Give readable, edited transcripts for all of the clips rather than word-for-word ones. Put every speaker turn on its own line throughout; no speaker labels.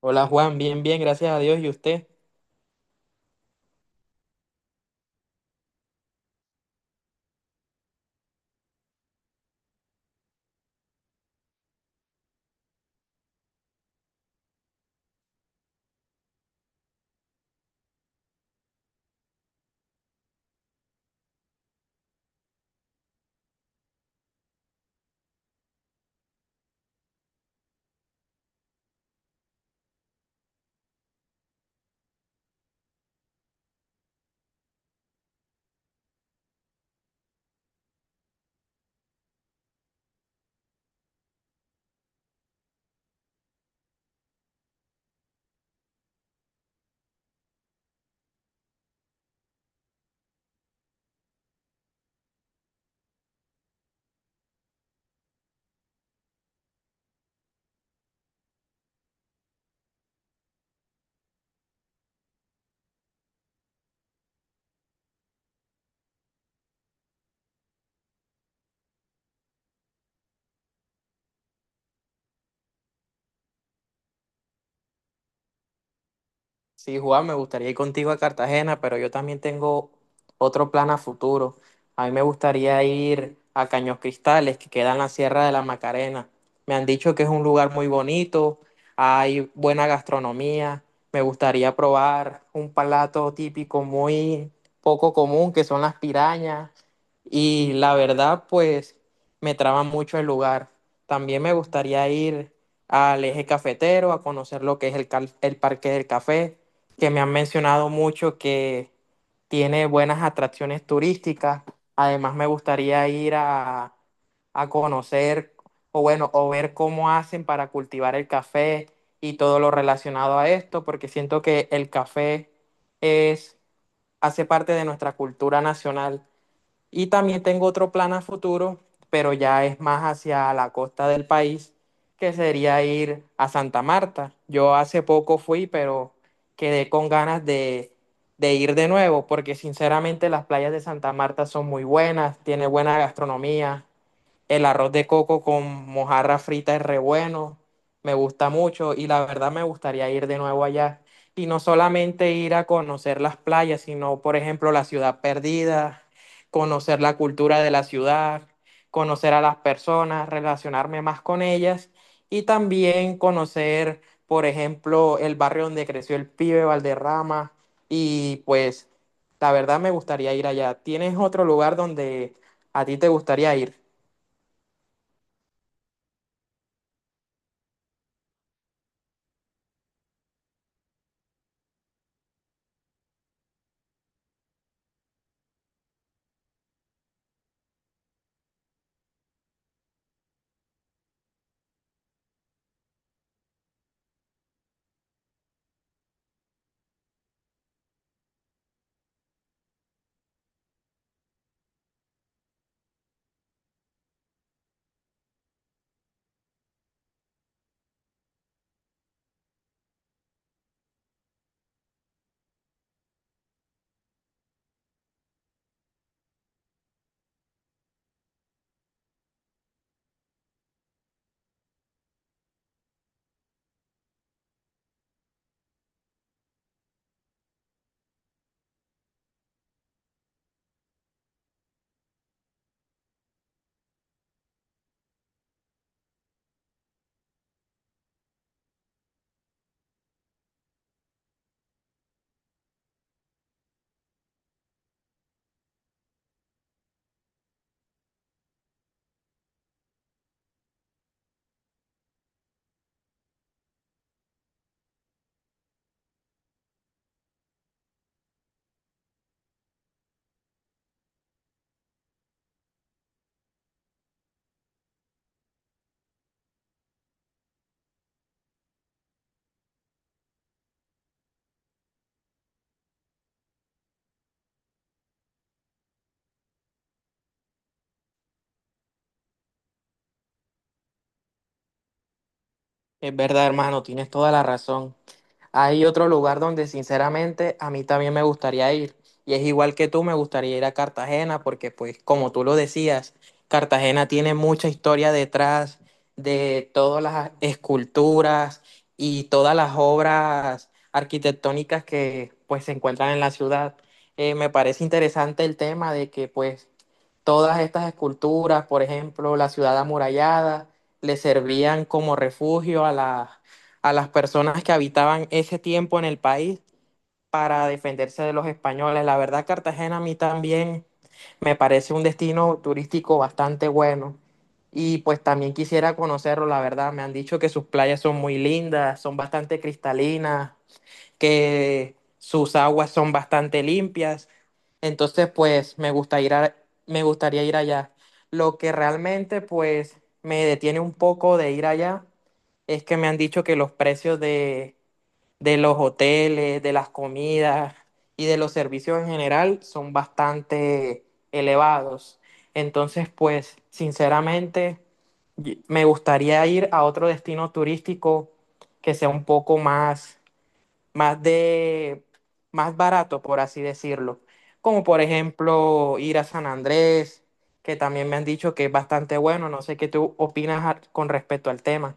Hola Juan, bien, bien, gracias a Dios. ¿Y usted? Sí, Juan, me gustaría ir contigo a Cartagena, pero yo también tengo otro plan a futuro. A mí me gustaría ir a Caños Cristales, que queda en la Sierra de la Macarena. Me han dicho que es un lugar muy bonito, hay buena gastronomía. Me gustaría probar un plato típico muy poco común, que son las pirañas. Y la verdad, pues me traba mucho el lugar. También me gustaría ir al eje cafetero a conocer lo que es el Parque del Café, que me han mencionado mucho que tiene buenas atracciones turísticas. Además, me gustaría ir a conocer o bueno, o ver cómo hacen para cultivar el café y todo lo relacionado a esto, porque siento que el café es, hace parte de nuestra cultura nacional. Y también tengo otro plan a futuro, pero ya es más hacia la costa del país, que sería ir a Santa Marta. Yo hace poco fui, pero quedé con ganas de ir de nuevo, porque sinceramente las playas de Santa Marta son muy buenas, tiene buena gastronomía. El arroz de coco con mojarra frita es re bueno, me gusta mucho y la verdad me gustaría ir de nuevo allá. Y no solamente ir a conocer las playas, sino, por ejemplo, la ciudad perdida, conocer la cultura de la ciudad, conocer a las personas, relacionarme más con ellas y también conocer, por ejemplo, el barrio donde creció el pibe Valderrama y pues la verdad me gustaría ir allá. ¿Tienes otro lugar donde a ti te gustaría ir? Es verdad, hermano, tienes toda la razón. Hay otro lugar donde sinceramente a mí también me gustaría ir. Y es igual que tú, me gustaría ir a Cartagena porque pues como tú lo decías, Cartagena tiene mucha historia detrás de todas las esculturas y todas las obras arquitectónicas que pues se encuentran en la ciudad. Me parece interesante el tema de que pues todas estas esculturas, por ejemplo, la ciudad amurallada, le servían como refugio a las personas que habitaban ese tiempo en el país para defenderse de los españoles. La verdad, Cartagena a mí también me parece un destino turístico bastante bueno. Y pues también quisiera conocerlo, la verdad. Me han dicho que sus playas son muy lindas, son bastante cristalinas, que sus aguas son bastante limpias. Entonces, pues me gustaría ir allá. Lo que realmente, pues, me detiene un poco de ir allá es que me han dicho que los precios de los hoteles, de las comidas y de los servicios en general son bastante elevados. Entonces, pues, sinceramente, me gustaría ir a otro destino turístico que sea un poco más de, más barato, por así decirlo. Como por ejemplo ir a San Andrés, que también me han dicho que es bastante bueno. No sé qué tú opinas con respecto al tema.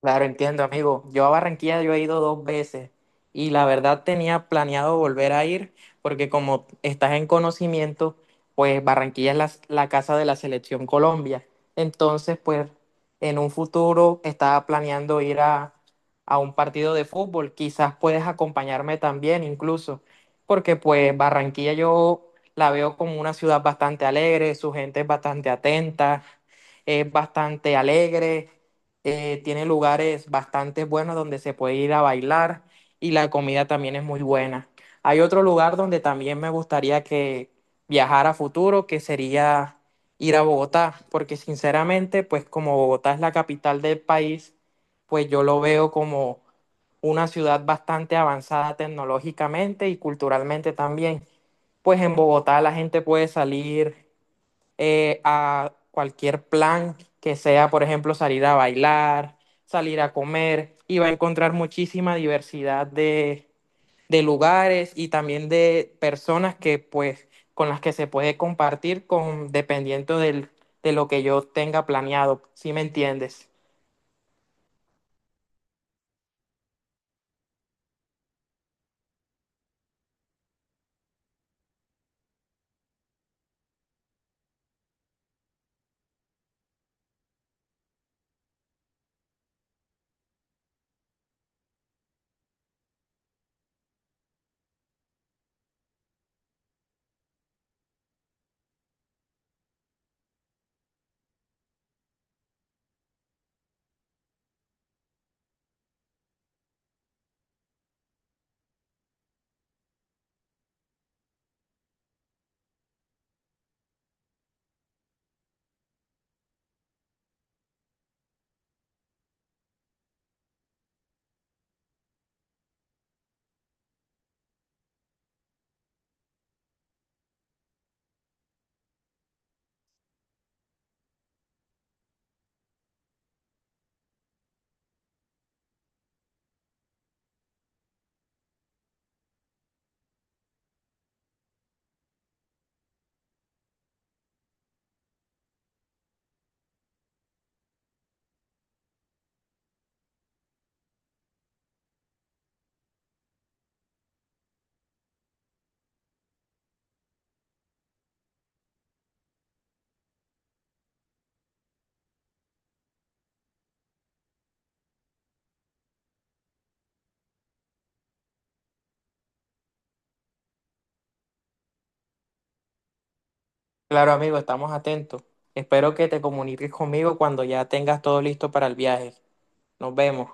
Claro, entiendo, amigo. Yo a Barranquilla yo he ido dos veces y la verdad tenía planeado volver a ir porque como estás en conocimiento, pues Barranquilla es la casa de la selección Colombia. Entonces, pues en un futuro estaba planeando ir a un partido de fútbol. Quizás puedes acompañarme también incluso, porque pues Barranquilla yo la veo como una ciudad bastante alegre, su gente es bastante atenta, es bastante alegre. Tiene lugares bastante buenos donde se puede ir a bailar y la comida también es muy buena. Hay otro lugar donde también me gustaría que viajar a futuro, que sería ir a Bogotá, porque sinceramente, pues como Bogotá es la capital del país, pues yo lo veo como una ciudad bastante avanzada tecnológicamente y culturalmente también. Pues en Bogotá la gente puede salir a cualquier plan que sea, por ejemplo, salir a bailar, salir a comer, y va a encontrar muchísima diversidad de lugares y también de personas que, pues, con las que se puede compartir con, dependiendo del, de lo que yo tenga planeado, ¿sí me entiendes? Claro, amigo, estamos atentos. Espero que te comuniques conmigo cuando ya tengas todo listo para el viaje. Nos vemos.